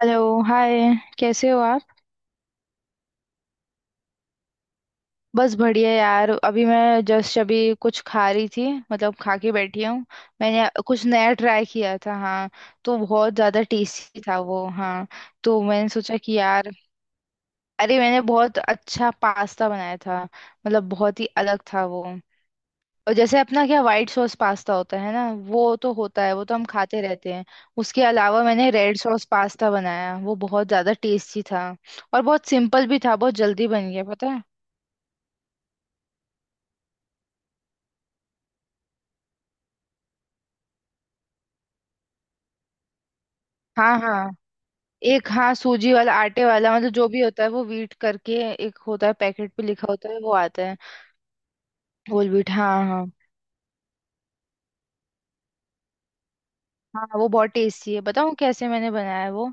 Hello hi. कैसे हो आप? बस बढ़िया यार, अभी मैं जस्ट अभी कुछ खा रही थी। मतलब खा के बैठी हूँ। मैंने कुछ नया ट्राई किया था, हाँ। तो बहुत ज़्यादा टेस्टी था वो, हाँ। तो मैंने सोचा कि यार, अरे मैंने बहुत अच्छा पास्ता बनाया था, मतलब बहुत ही अलग था वो। और जैसे अपना क्या, वाइट सॉस पास्ता होता है ना, वो तो होता है, वो तो हम खाते रहते हैं। उसके अलावा मैंने रेड सॉस पास्ता बनाया, वो बहुत ज़्यादा टेस्टी था। और बहुत सिंपल भी था, बहुत जल्दी बन गया, पता है। हाँ हाँ, एक, हाँ सूजी वाला आटे वाला, मतलब जो भी होता है वो, व्हीट करके। एक होता है, पैकेट पे लिखा होता है, वो आता है। होल व्हीट, हाँ हाँ। हाँ वो बहुत टेस्टी है। बताऊँ कैसे मैंने बनाया है वो।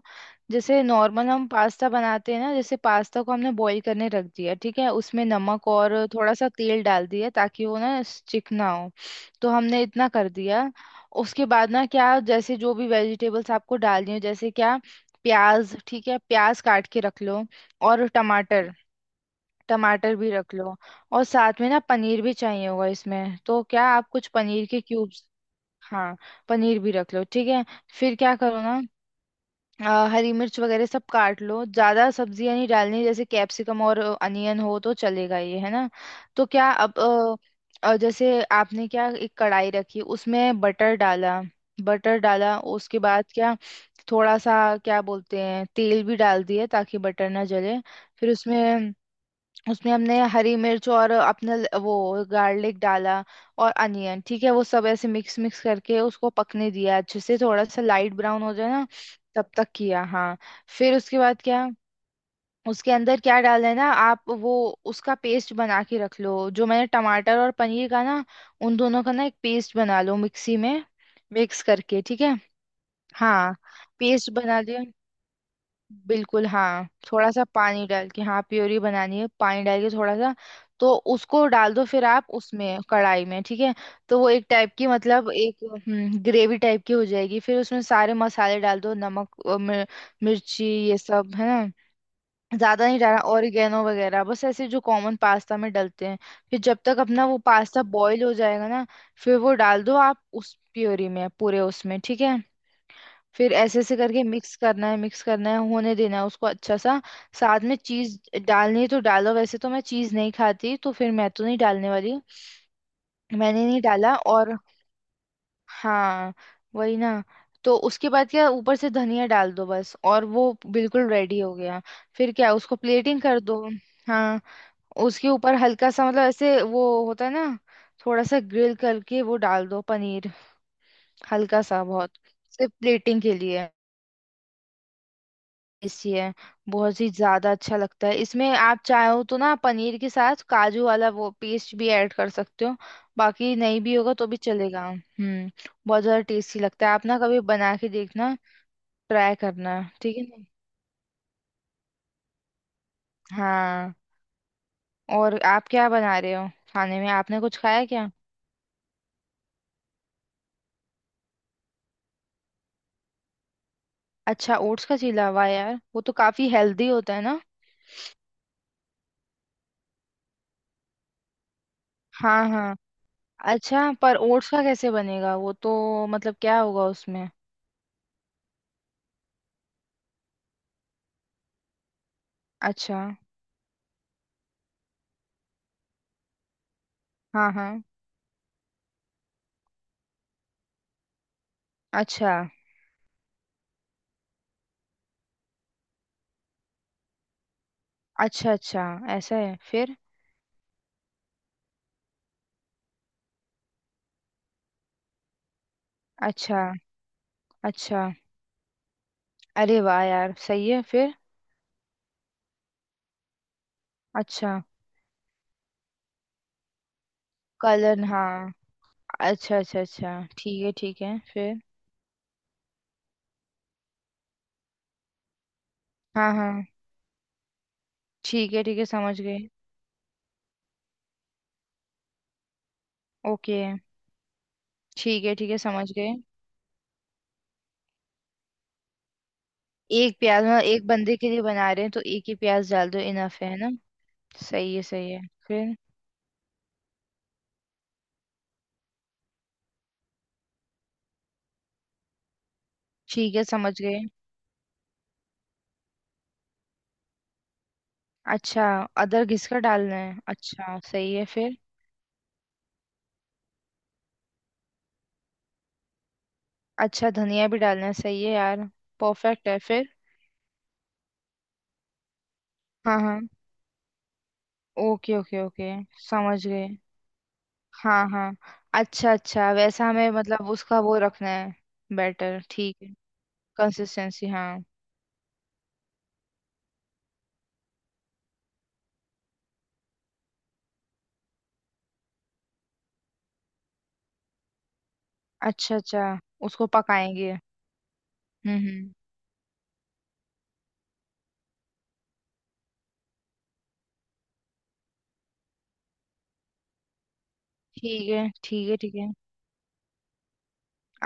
जैसे नॉर्मल हम पास्ता बनाते हैं ना, जैसे पास्ता को हमने बॉईल करने रख दिया, ठीक है। उसमें नमक और थोड़ा सा तेल डाल दिया ताकि वो ना चिकना हो। तो हमने इतना कर दिया। उसके बाद ना क्या, जैसे जो भी वेजिटेबल्स आपको डालनी हो, जैसे क्या, प्याज, ठीक है, प्याज काट के रख लो। और टमाटर, टमाटर भी रख लो। और साथ में ना पनीर भी चाहिए होगा इसमें, तो क्या आप कुछ पनीर के क्यूब्स, हाँ, पनीर भी रख लो, ठीक है। फिर क्या करो ना, हरी मिर्च वगैरह सब काट लो, ज्यादा सब्जियां नहीं डालनी, जैसे कैप्सिकम और अनियन हो तो चलेगा ये, है ना। तो क्या अब, जैसे आपने क्या, एक कढ़ाई रखी, उसमें बटर डाला। बटर डाला, उसके बाद क्या, थोड़ा सा क्या बोलते हैं, तेल भी डाल दिए ताकि बटर ना जले। फिर उसमें उसमें हमने हरी मिर्च और अपना वो गार्लिक डाला। और अनियन, ठीक है, वो सब ऐसे मिक्स मिक्स करके उसको पकने दिया अच्छे से, थोड़ा सा लाइट ब्राउन हो जाए ना, तब तक किया, हाँ। फिर उसके बाद क्या, उसके अंदर क्या डालना है ना आप, वो उसका पेस्ट बना के रख लो, जो मैंने टमाटर और पनीर का ना, उन दोनों का ना एक पेस्ट बना लो मिक्सी में, मिक्स करके, ठीक है। हाँ, पेस्ट बना लिया। बिल्कुल हाँ, थोड़ा सा पानी डाल के, हाँ, प्योरी बनानी है, पानी डाल के थोड़ा सा। तो उसको डाल दो, फिर आप उसमें, कढ़ाई में, ठीक है। तो वो एक टाइप की मतलब एक, हम्म, ग्रेवी टाइप की हो जाएगी। फिर उसमें सारे मसाले डाल दो, नमक, मिर्ची, ये सब, है ना। ज्यादा नहीं डालना, ऑरिगेनो वगैरह, बस ऐसे जो कॉमन पास्ता में डलते हैं। फिर जब तक अपना वो पास्ता बॉईल हो जाएगा ना, फिर वो डाल दो आप उस प्योरी में पूरे, उसमें, ठीक है। फिर ऐसे ऐसे करके मिक्स करना है, मिक्स करना है, होने देना है उसको अच्छा सा। साथ में चीज डालनी है तो डालो, वैसे तो मैं चीज नहीं खाती, तो फिर मैं तो नहीं डालने वाली। मैंने नहीं डाला, और हाँ, वही ना। तो उसके बाद क्या, ऊपर से धनिया डाल दो बस, और वो बिल्कुल रेडी हो गया। फिर क्या, उसको प्लेटिंग कर दो, हाँ। उसके ऊपर हल्का सा मतलब ऐसे वो होता है ना, थोड़ा सा ग्रिल करके वो डाल दो पनीर, हल्का सा बहुत, सिर्फ प्लेटिंग के लिए। टेस्टी है, बहुत ही ज्यादा अच्छा लगता है। इसमें आप चाहो तो ना, पनीर के साथ काजू वाला वो पेस्ट भी ऐड कर सकते हो, बाकी नहीं भी होगा तो भी चलेगा, हम्म। बहुत ज्यादा टेस्टी लगता है, आप ना कभी बना के देखना, ट्राई करना, ठीक है ना, हाँ। और आप क्या बना रहे हो खाने में, आपने कुछ खाया क्या? अच्छा ओट्स का चीला, हुआ यार, वो तो काफी हेल्दी होता है ना, हाँ हाँ। अच्छा पर ओट्स का कैसे बनेगा वो, तो मतलब क्या होगा उसमें? अच्छा, हाँ हाँ। अच्छा अच्छा अच्छा। ऐसा है, फिर अच्छा अच्छा। अरे वाह यार, सही है, फिर अच्छा, कलर, हाँ, अच्छा अच्छा अच्छा। ठीक है ठीक है, फिर हाँ हाँ। ठीक है ठीक है, समझ गए। ओके, ठीक है ठीक है, समझ गए। एक प्याज मतलब, एक बंदे के लिए बना रहे हैं तो एक ही प्याज डाल दो, इनफ है ना। सही है सही है, फिर ठीक है, समझ गए। अच्छा, अदरक घिसका डालना है, अच्छा सही है, फिर अच्छा, धनिया भी डालना है, सही है यार। परफेक्ट है, फिर हाँ हाँ। ओके ओके ओके, समझ गए, हाँ हाँ। अच्छा अच्छा, वैसा हमें मतलब उसका वो रखना है, बैटर, ठीक है, कंसिस्टेंसी, हाँ। अच्छा अच्छा, उसको पकाएंगे, हम्म। ठीक है ठीक है ठीक है।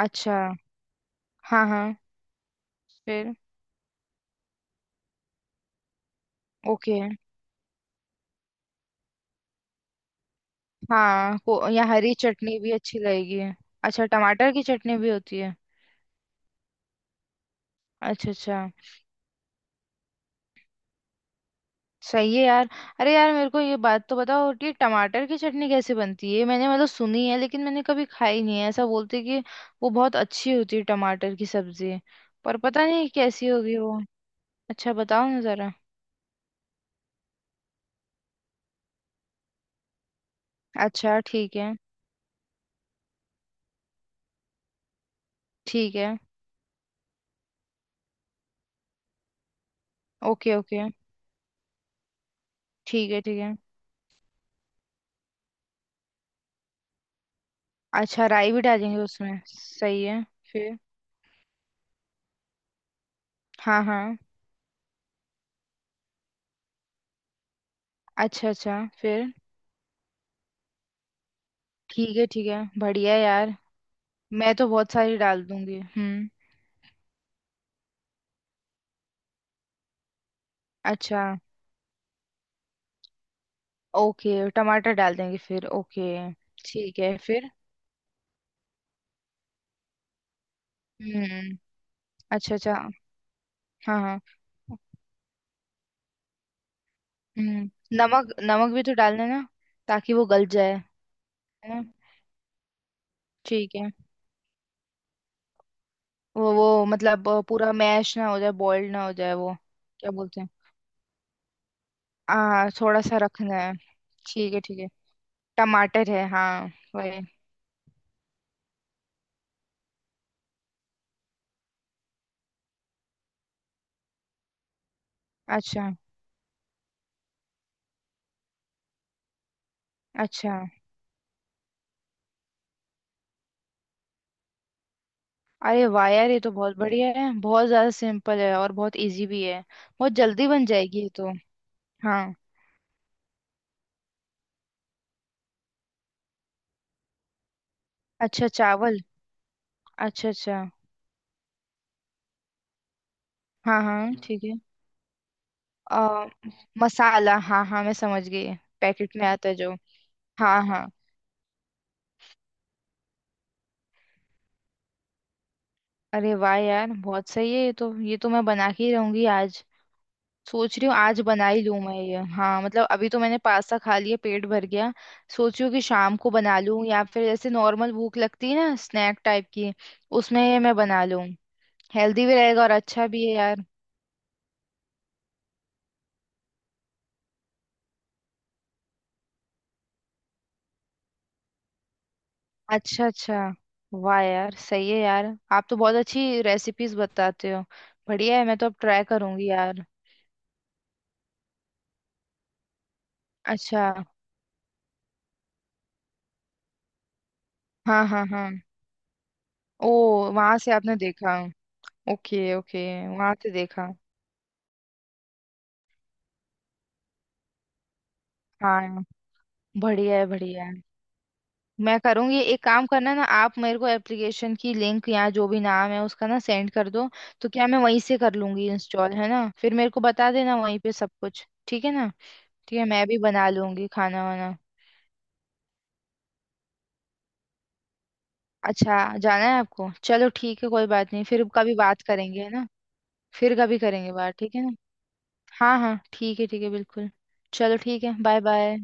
अच्छा, हाँ हाँ, फिर ओके। हाँ, को यहाँ हरी चटनी भी अच्छी लगेगी। अच्छा, टमाटर की चटनी भी होती है, अच्छा अच्छा, सही है यार। अरे यार, मेरे को ये बात तो बताओ कि टमाटर की चटनी कैसे बनती है, मैंने मतलब सुनी है लेकिन मैंने कभी खाई नहीं है, ऐसा बोलते हैं कि वो बहुत अच्छी होती है टमाटर की सब्जी। पर पता नहीं कैसी होगी वो, अच्छा बताओ ना जरा। अच्छा ठीक है ठीक है, ओके ओके, ठीक है ठीक है। अच्छा, राई भी डालेंगे उसमें, सही है, फिर हाँ हाँ। अच्छा अच्छा, फिर ठीक है ठीक है, बढ़िया यार। मैं तो बहुत सारी डाल दूंगी, हम्म, अच्छा। ओके, टमाटर डाल देंगे फिर, ओके, ठीक है, फिर हम्म, अच्छा अच्छा, हाँ हाँ, हम्म। नमक, नमक भी तो डालना है ना, ताकि वो गल जाए, है ना। ठीक है, वो मतलब, पूरा मैश ना हो जाए, बॉइल्ड ना हो जाए वो, क्या बोलते हैं, आ, थोड़ा सा रखना है। ठीक है ठीक है, टमाटर है हाँ, वही, अच्छा अच्छा। अरे वाह यार, ये तो बहुत बढ़िया है, बहुत ज्यादा सिंपल है और बहुत इजी भी है, बहुत जल्दी बन जाएगी ये तो, हाँ। अच्छा चावल, अच्छा अच्छा, हाँ हाँ, हम्म, ठीक है। आ, मसाला हाँ हाँ, मैं समझ गई, पैकेट में आता है जो, हाँ हाँ। अरे वाह यार, बहुत सही है ये तो, ये तो मैं बना के ही रहूंगी आज। सोच रही हूँ आज बना ही लूँ मैं ये, हाँ मतलब, अभी तो मैंने पास्ता खा लिया, पेट भर गया। सोच रही हूँ कि शाम को बना लूँ, या फिर ऐसे नॉर्मल भूख लगती है ना, स्नैक टाइप की, उसमें ये मैं बना लूँ, हेल्दी भी रहेगा और अच्छा भी है यार। अच्छा अच्छा, वाह यार, सही है यार, आप तो बहुत अच्छी रेसिपीज बताते हो, बढ़िया है, मैं तो अब ट्राई करूंगी यार। अच्छा, हाँ हाँ हाँ, ओ, वहां से आपने देखा, ओके ओके, वहां से देखा, हाँ। बढ़िया है बढ़िया है। मैं करूंगी, एक काम करना ना, आप मेरे को एप्लीकेशन की लिंक या जो भी नाम है उसका ना सेंड कर दो, तो क्या मैं वहीं से कर लूंगी इंस्टॉल, है ना, फिर मेरे को बता देना वहीं पे सब कुछ, ठीक है ना। ठीक है, मैं भी बना लूंगी खाना वाना। अच्छा जाना है आपको, चलो ठीक है, कोई बात नहीं, फिर कभी बात करेंगे, है ना, फिर कभी करेंगे बात, ठीक है ना, हाँ हाँ, ठीक है ठीक है, बिल्कुल। चलो ठीक है, बाय बाय।